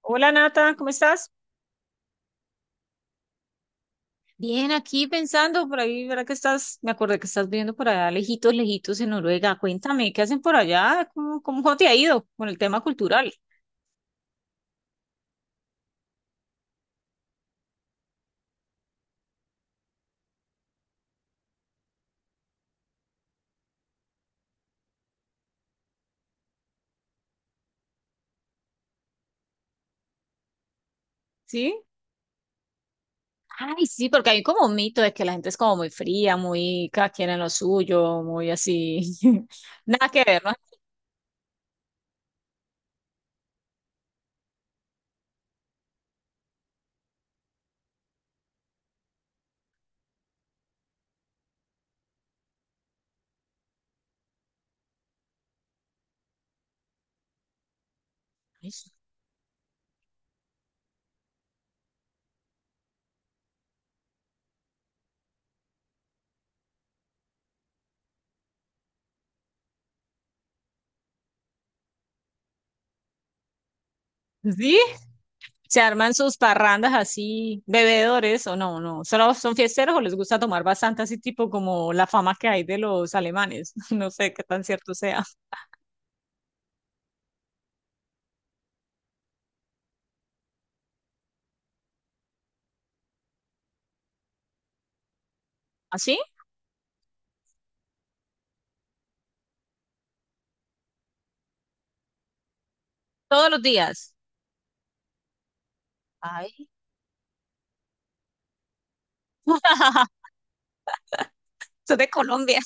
Hola Nata, ¿cómo estás? Bien, aquí pensando por ahí, ¿verdad que estás? Me acordé que estás viviendo por allá, lejitos, lejitos en Noruega. Cuéntame, ¿qué hacen por allá? ¿Cómo te ha ido con el tema cultural? ¿Sí? Ay, sí, porque hay como un mito de que la gente es como muy fría, muy cada quien en lo suyo, muy así. Nada que ver, ¿no? ¿Sí? Se arman sus parrandas así, bebedores o no, no. ¿Solo son fiesteros o les gusta tomar bastante así, tipo como la fama que hay de los alemanes? No sé qué tan cierto sea. ¿Así? Todos los días. Ay, soy de Colombia.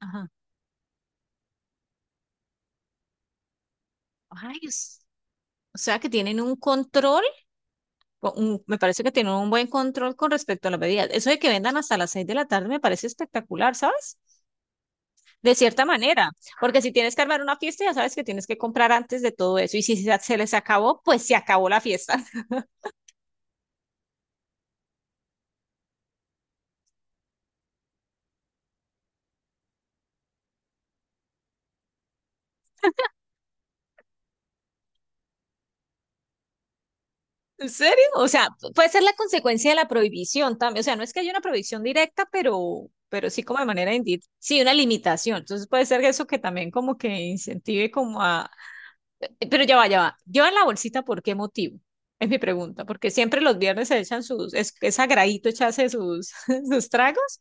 Ajá. Ay, o sea que tienen un control, o me parece que tienen un buen control con respecto a las bebidas. Eso de que vendan hasta las seis de la tarde me parece espectacular, ¿sabes? De cierta manera, porque si tienes que armar una fiesta, ya sabes que tienes que comprar antes de todo eso. Y si se les acabó, pues se acabó la fiesta. ¿En serio? O sea, puede ser la consecuencia de la prohibición también. O sea, no es que haya una prohibición directa, pero sí como de manera indirecta. Sí, una limitación. Entonces puede ser eso que también como que incentive como a... pero ya va, ya va. Yo la bolsita, ¿por qué motivo? Es mi pregunta, porque siempre los viernes se echan sus, es sagradito echarse sus, sus tragos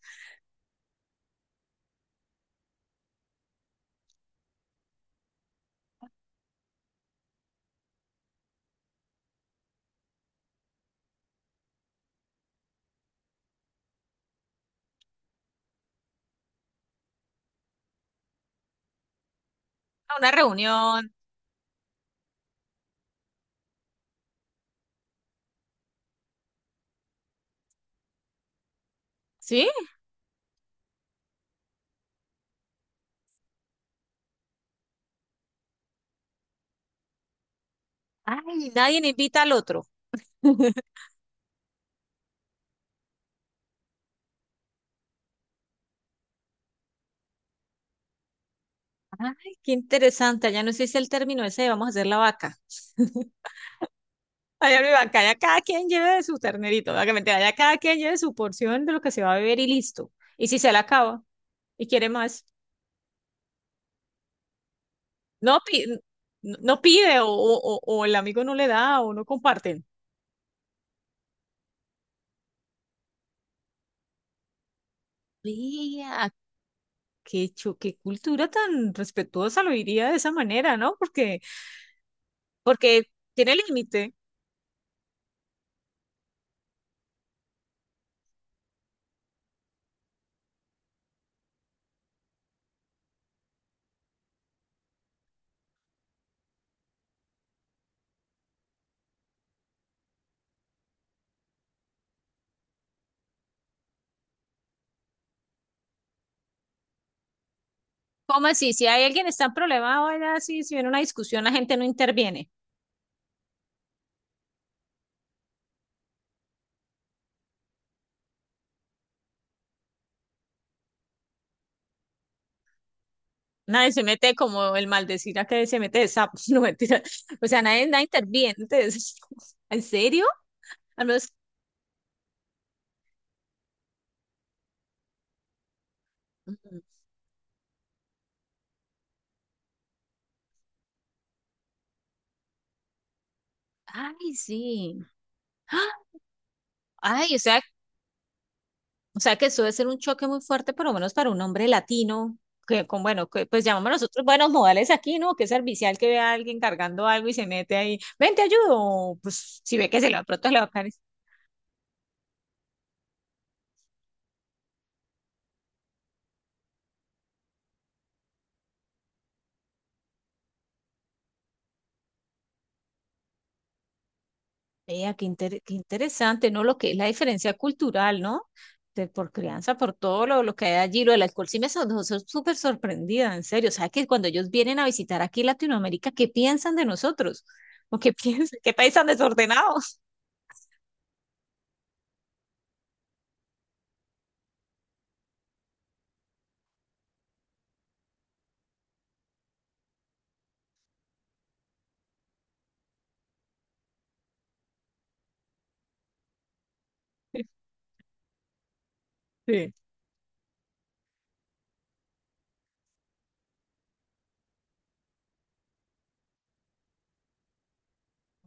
a una reunión, ¿sí? Ay, nadie invita al otro. Ay, qué interesante, ya no sé si el término ese de vamos a hacer la vaca. Allá arriba, que haya cada quien lleve de su ternerito, ¿verdad? Que mentira, allá cada quien lleve su porción de lo que se va a beber y listo. Y si se la acaba y quiere más, no, pi- no pide o el amigo no le da o no comparten. Vea, qué cultura tan respetuosa lo diría de esa manera, ¿no? Porque, porque tiene límite. ¿Cómo así? Si hay alguien que está en problema, vaya así, si viene una discusión, la gente no interviene. Nadie se mete como el maldecir a que se mete de sapo, no mentira. O sea, nadie interviene. Entonces, ¿en serio? Al menos, mm, ay, sí. ¡Ah! Ay, o sea que eso debe ser un choque muy fuerte, por lo menos para un hombre latino, que con, bueno, que, pues llamamos nosotros buenos modales aquí, ¿no? Que servicial que ve a alguien cargando algo y se mete ahí, ven, te ayudo. Pues si ve que se lo de pronto le va a caer. Vea, qué interesante, ¿no? Lo que es la diferencia cultural, ¿no? Por crianza, por todo lo que hay allí, lo del alcohol, sí me son, soy súper sorprendida, en serio. O sea, que cuando ellos vienen a visitar aquí Latinoamérica, ¿qué piensan de nosotros? ¿O qué piensan? ¿Qué país tan desordenado? Sí.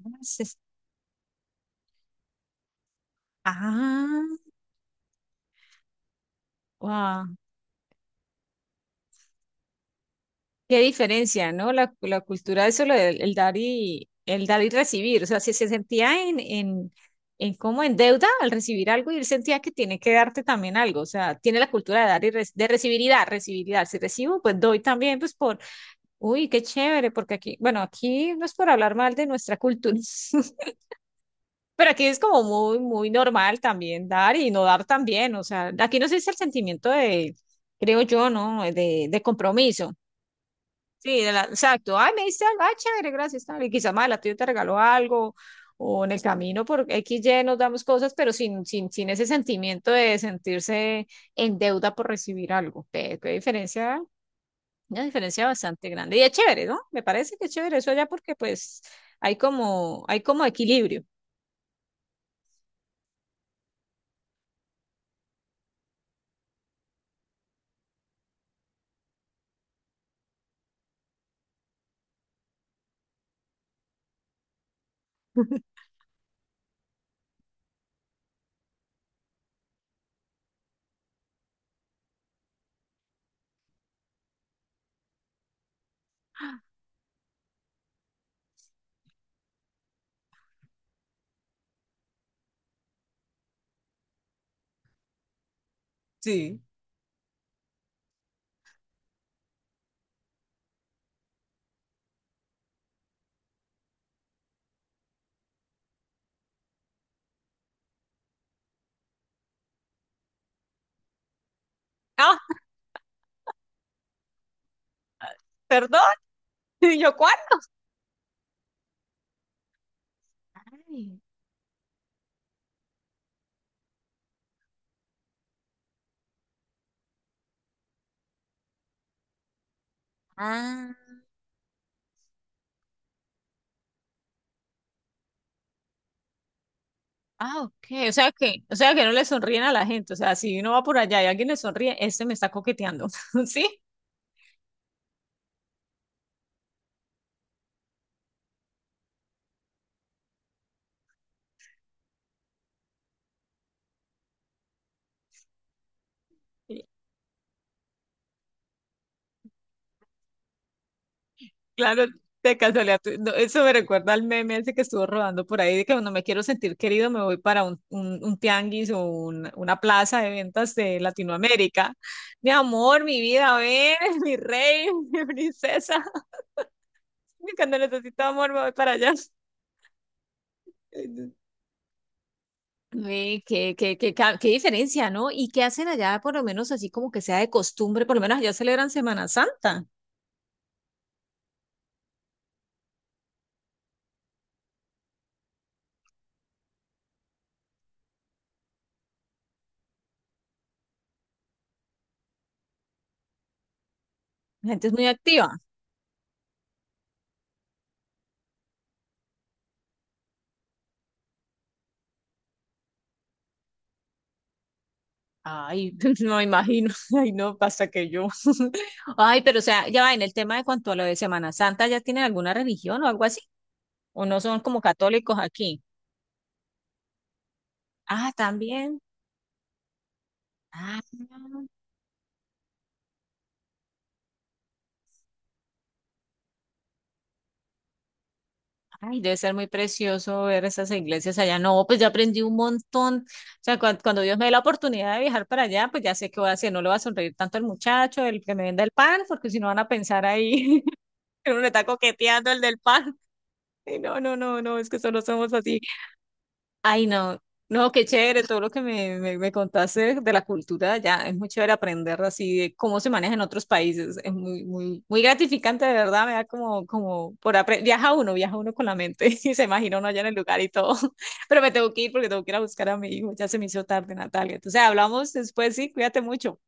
Entonces, ah, wow. Qué diferencia, ¿no? La cultura, eso, el dar y recibir. O sea, si se sentía en como en deuda al recibir algo y él sentía que tiene que darte también algo. O sea, tiene la cultura de dar y de recibir y dar, recibir y dar. Si recibo, pues doy también, pues por, uy, qué chévere, porque aquí, bueno, aquí no es por hablar mal de nuestra cultura, pero aquí es como muy, muy normal también dar y no dar también. O sea, aquí no se dice el sentimiento de, creo yo, ¿no? De compromiso. Sí, exacto. Ay, me diste algo, ay, chévere, gracias. Tal. Y quizá más adelante yo te regalo algo, o en el camino por X, Y nos damos cosas, pero sin ese sentimiento de sentirse en deuda por recibir algo. Qué, qué diferencia, una diferencia bastante grande. Y es chévere, ¿no? Me parece que es chévere eso allá porque pues hay como equilibrio. Sí. Ah, perdón, ¿y yo cuándo? Ay, ah. Ah, ok, o sea que no le sonríen a la gente, o sea, si uno va por allá y alguien le sonríe, este me está coqueteando, ¿sí? Claro, de casualidad, no, eso me recuerda al meme ese que estuvo rodando por ahí, de que cuando me quiero sentir querido me voy para un tianguis o una plaza de ventas de Latinoamérica. Mi amor, mi vida, ven, mi rey, mi princesa, cuando necesito amor me voy para allá. Ve, qué diferencia, ¿no? ¿Y qué hacen allá, por lo menos así como que sea de costumbre? Por lo menos allá celebran Semana Santa. La gente es muy activa. Ay, no me imagino. Ay, no, pasa que yo. Ay, pero o sea, ya va, en el tema de cuanto a lo de Semana Santa, ¿ya tienen alguna religión o algo así? ¿O no son como católicos aquí? Ah, también. Ah, ay, debe ser muy precioso ver esas iglesias allá. No, pues ya aprendí un montón. O sea, cuando, Dios me dé la oportunidad de viajar para allá, pues ya sé qué voy a hacer. No le voy a sonreír tanto al muchacho, el que me venda el pan, porque si no van a pensar ahí que uno le está coqueteando el del pan. Y no, no, no, no, es que solo somos así. Ay, no, no, qué chévere todo lo que me contaste de la cultura ya es muy chévere aprender así de cómo se maneja en otros países, es muy, muy, muy gratificante, de verdad, me da como, como, viaja uno con la mente y se imagina uno allá en el lugar y todo, pero me tengo que ir porque tengo que ir a buscar a mi hijo, ya se me hizo tarde, Natalia, entonces hablamos después, sí, cuídate mucho.